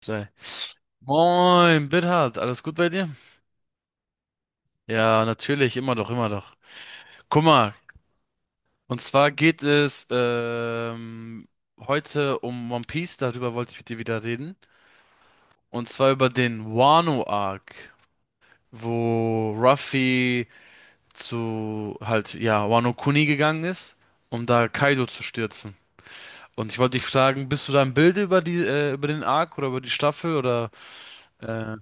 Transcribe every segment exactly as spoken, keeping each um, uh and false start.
Zwei. Moin, Bithard, alles gut bei dir? Ja, natürlich, immer doch, immer doch. Guck mal, und zwar geht es ähm, heute um One Piece, darüber wollte ich mit dir wieder reden. Und zwar über den Wano-Arc, wo Ruffy zu halt, ja, Wano Kuni gegangen ist, um da Kaido zu stürzen. Und ich wollte dich fragen, bist du da im Bilde über die, äh, über den Arc oder über die Staffel oder äh,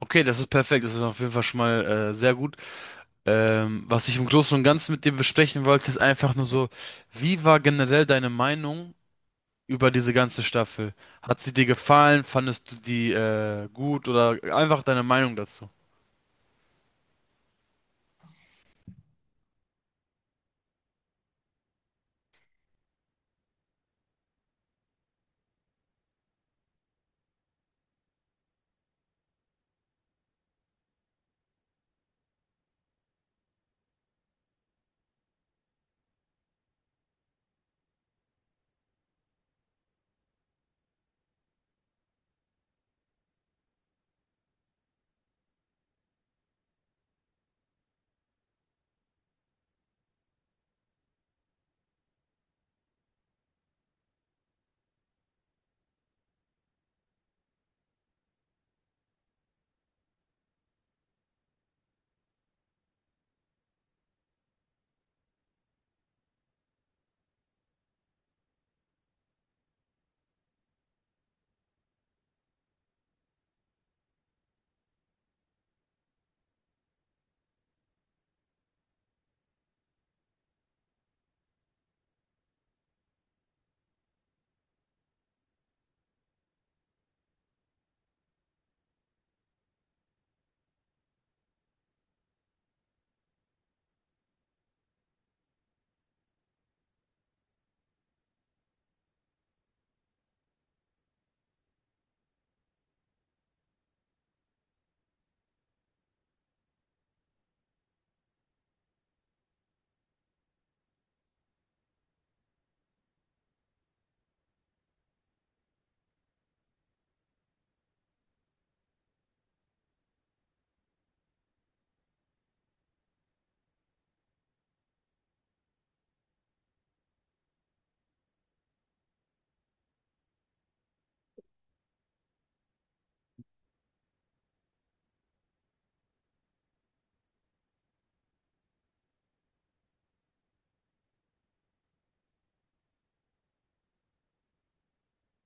okay, das ist perfekt, das ist auf jeden Fall schon mal äh, sehr gut. Ähm, was ich im Großen und Ganzen mit dir besprechen wollte, ist einfach nur so, wie war generell deine Meinung über diese ganze Staffel? Hat sie dir gefallen? Fandest du die äh, gut oder einfach deine Meinung dazu?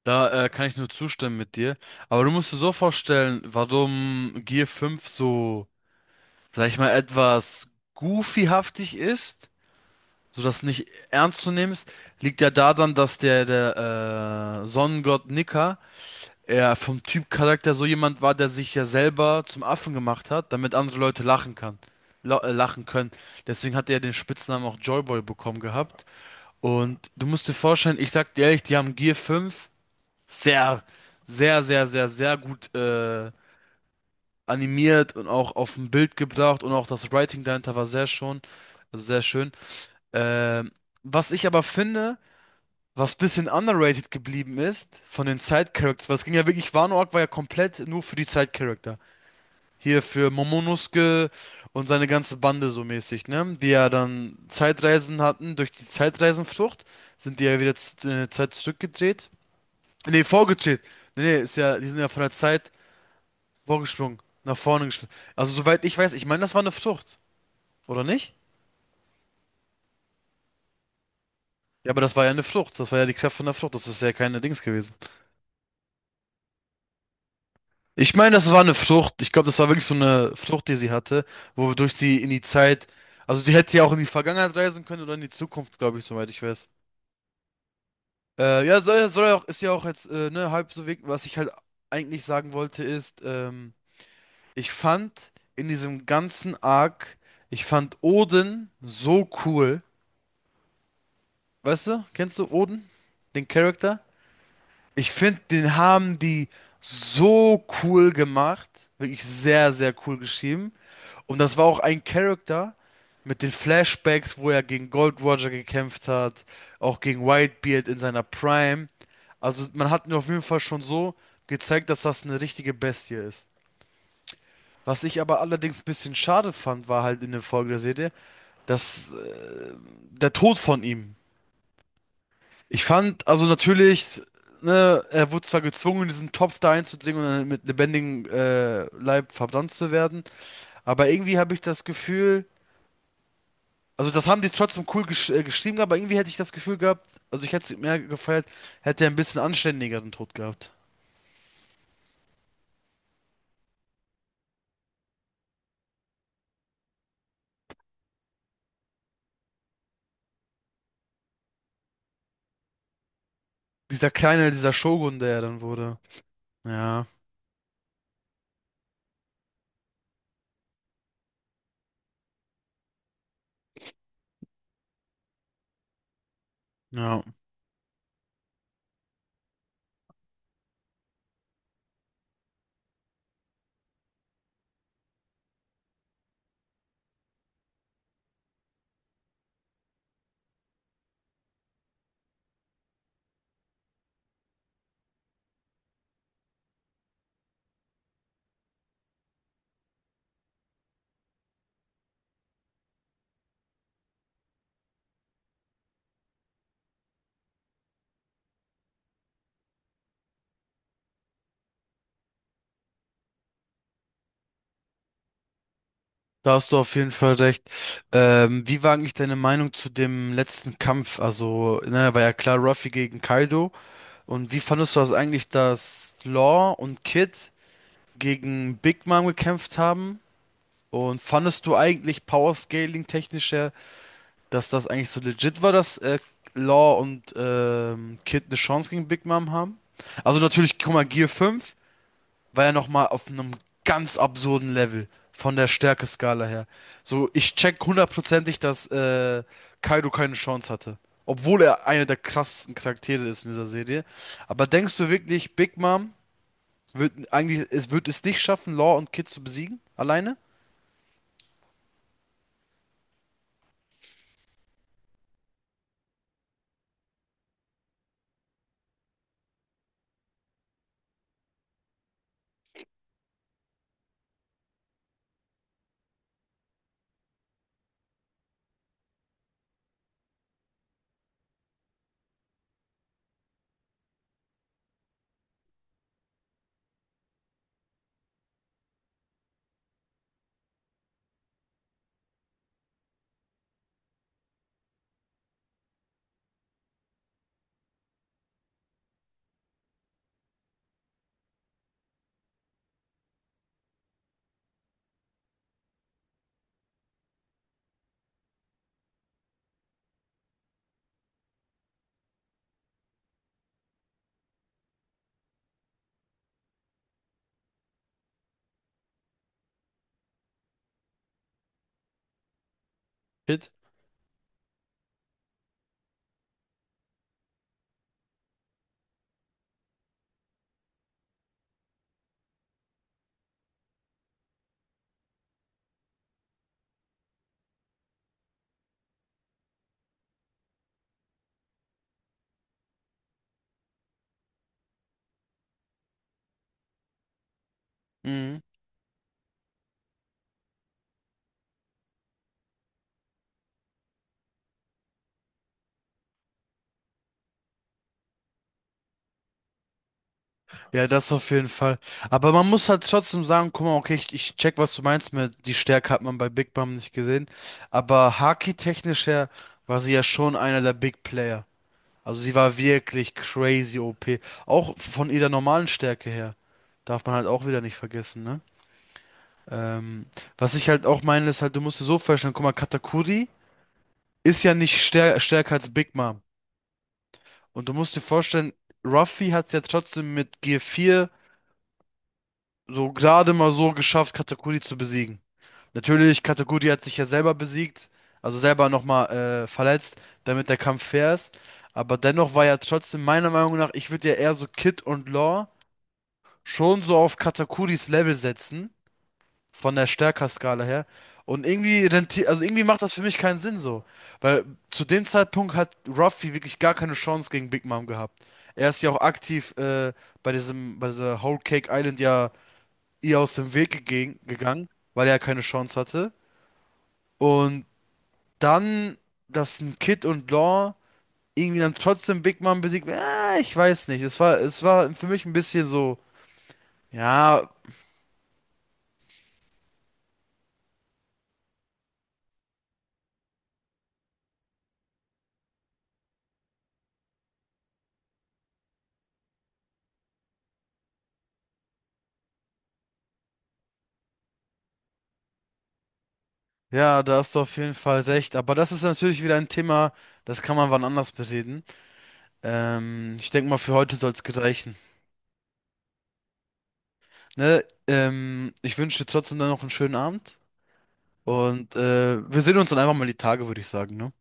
Da äh, kann ich nur zustimmen mit dir. Aber du musst dir so vorstellen, warum Gear fünf so, sag ich mal, etwas goofyhaftig ist, sodass nicht ernst zu nehmen ist, liegt ja daran, dass der, der äh, Sonnengott Nika er vom Typ Charakter so jemand war, der sich ja selber zum Affen gemacht hat, damit andere Leute lachen kann, la- äh, lachen können. Deswegen hat er den Spitznamen auch Joyboy bekommen gehabt. Und du musst dir vorstellen, ich sag dir ehrlich, die haben Gear fünf sehr, sehr, sehr, sehr, sehr gut äh, animiert und auch auf ein Bild gebracht und auch das Writing dahinter war sehr schon, also sehr schön. Ähm, Was ich aber finde, was bisschen underrated geblieben ist von den Side-Characters, was ging ja wirklich, Wano Arc war ja komplett nur für die Side-Character. Hier für Momonosuke und seine ganze Bande so mäßig, ne? Die ja dann Zeitreisen hatten. Durch die Zeitreisenfrucht sind die ja wieder z- in der Zeit zurückgedreht. Nee, vorgedreht. Nee, nee, ist ja, die sind ja von der Zeit vorgesprungen, nach vorne gesprungen. Also soweit ich weiß, ich meine, das war eine Frucht, oder nicht? Ja, aber das war ja eine Frucht. Das war ja die Kraft von der Frucht. Das ist ja keine Dings gewesen. Ich meine, das war eine Frucht. Ich glaube, das war wirklich so eine Frucht, die sie hatte, wodurch sie in die Zeit, also die hätte ja auch in die Vergangenheit reisen können oder in die Zukunft, glaube ich, soweit ich weiß. Äh, ja, soll, ja, soll ja auch, ist ja auch jetzt äh, ne, halb so weg. Was ich halt eigentlich sagen wollte, ist, ähm, ich fand in diesem ganzen Arc, ich fand Odin so cool. Weißt du, kennst du Odin? Den Charakter? Ich finde, den haben die so cool gemacht. Wirklich sehr, sehr cool geschrieben. Und das war auch ein Charakter mit den Flashbacks, wo er gegen Gold Roger gekämpft hat, auch gegen Whitebeard in seiner Prime. Also man hat mir auf jeden Fall schon so gezeigt, dass das eine richtige Bestie ist. Was ich aber allerdings ein bisschen schade fand, war halt in der Folge der Serie, dass äh, der Tod von ihm. Ich fand, also natürlich, ne, er wurde zwar gezwungen, in diesen Topf da einzudringen und dann mit lebendigem äh, Leib verbrannt zu werden, aber irgendwie habe ich das Gefühl, also das haben die trotzdem cool gesch äh, geschrieben, aber irgendwie hätte ich das Gefühl gehabt, also ich hätte es mehr gefeiert, hätte er ein bisschen anständigeren Tod gehabt. Dieser kleine, dieser Shogun, der er dann wurde. Ja, ja. Da hast du auf jeden Fall recht. Ähm, wie war eigentlich deine Meinung zu dem letzten Kampf? Also, ne, war ja klar Ruffy gegen Kaido. Und wie fandest du das eigentlich, dass Law und Kid gegen Big Mom gekämpft haben? Und fandest du eigentlich Power Scaling technisch her, dass das eigentlich so legit war, dass äh, Law und ähm, Kid eine Chance gegen Big Mom haben. Also natürlich, guck mal, Gear fünf war ja nochmal auf einem ganz absurden Level von der Stärkeskala her. So, ich check hundertprozentig, dass äh, Kaido keine Chance hatte. Obwohl er einer der krassesten Charaktere ist in dieser Serie. Aber denkst du wirklich, Big Mom wird eigentlich, es wird es nicht schaffen, Law und Kid zu besiegen? Alleine? Kid? Mhm. Ja, das auf jeden Fall. Aber man muss halt trotzdem sagen, guck mal, okay, ich, ich check, was du meinst mit, die Stärke hat man bei Big Bam nicht gesehen. Aber Haki-technisch her war sie ja schon einer der Big Player. Also sie war wirklich crazy O P. Auch von ihrer normalen Stärke her. Darf man halt auch wieder nicht vergessen, ne? Ähm, Was ich halt auch meine, ist halt, du musst dir so vorstellen, guck mal, Katakuri ist ja nicht stär stärker als Big Mom. Und du musst dir vorstellen, Ruffy hat es ja trotzdem mit g vier so gerade mal so geschafft, Katakuri zu besiegen. Natürlich, Katakuri hat sich ja selber besiegt, also selber nochmal äh, verletzt, damit der Kampf fair ist. Aber dennoch war ja trotzdem meiner Meinung nach, ich würde ja eher so Kid und Law schon so auf Katakuris Level setzen, von der Stärkerskala her. Und irgendwie rentiert, also irgendwie macht das für mich keinen Sinn so. Weil zu dem Zeitpunkt hat Ruffy wirklich gar keine Chance gegen Big Mom gehabt. Er ist ja auch aktiv äh, bei diesem, bei dieser Whole Cake Island ja ihr aus dem Weg gege- gegangen, weil er ja keine Chance hatte. Und dann, dass ein Kid und Law irgendwie dann trotzdem Big Mom besiegt, äh, ich weiß nicht. Es war, es war für mich ein bisschen so, ja, ja, da hast du auf jeden Fall recht. Aber das ist natürlich wieder ein Thema, das kann man wann anders bereden. Ähm, ich denke mal, für heute soll es gereichen. Ne? Ähm, ich wünsche dir trotzdem dann noch einen schönen Abend. Und äh, wir sehen uns dann einfach mal die Tage, würde ich sagen, ne?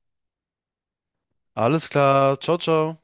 Alles klar, ciao, ciao.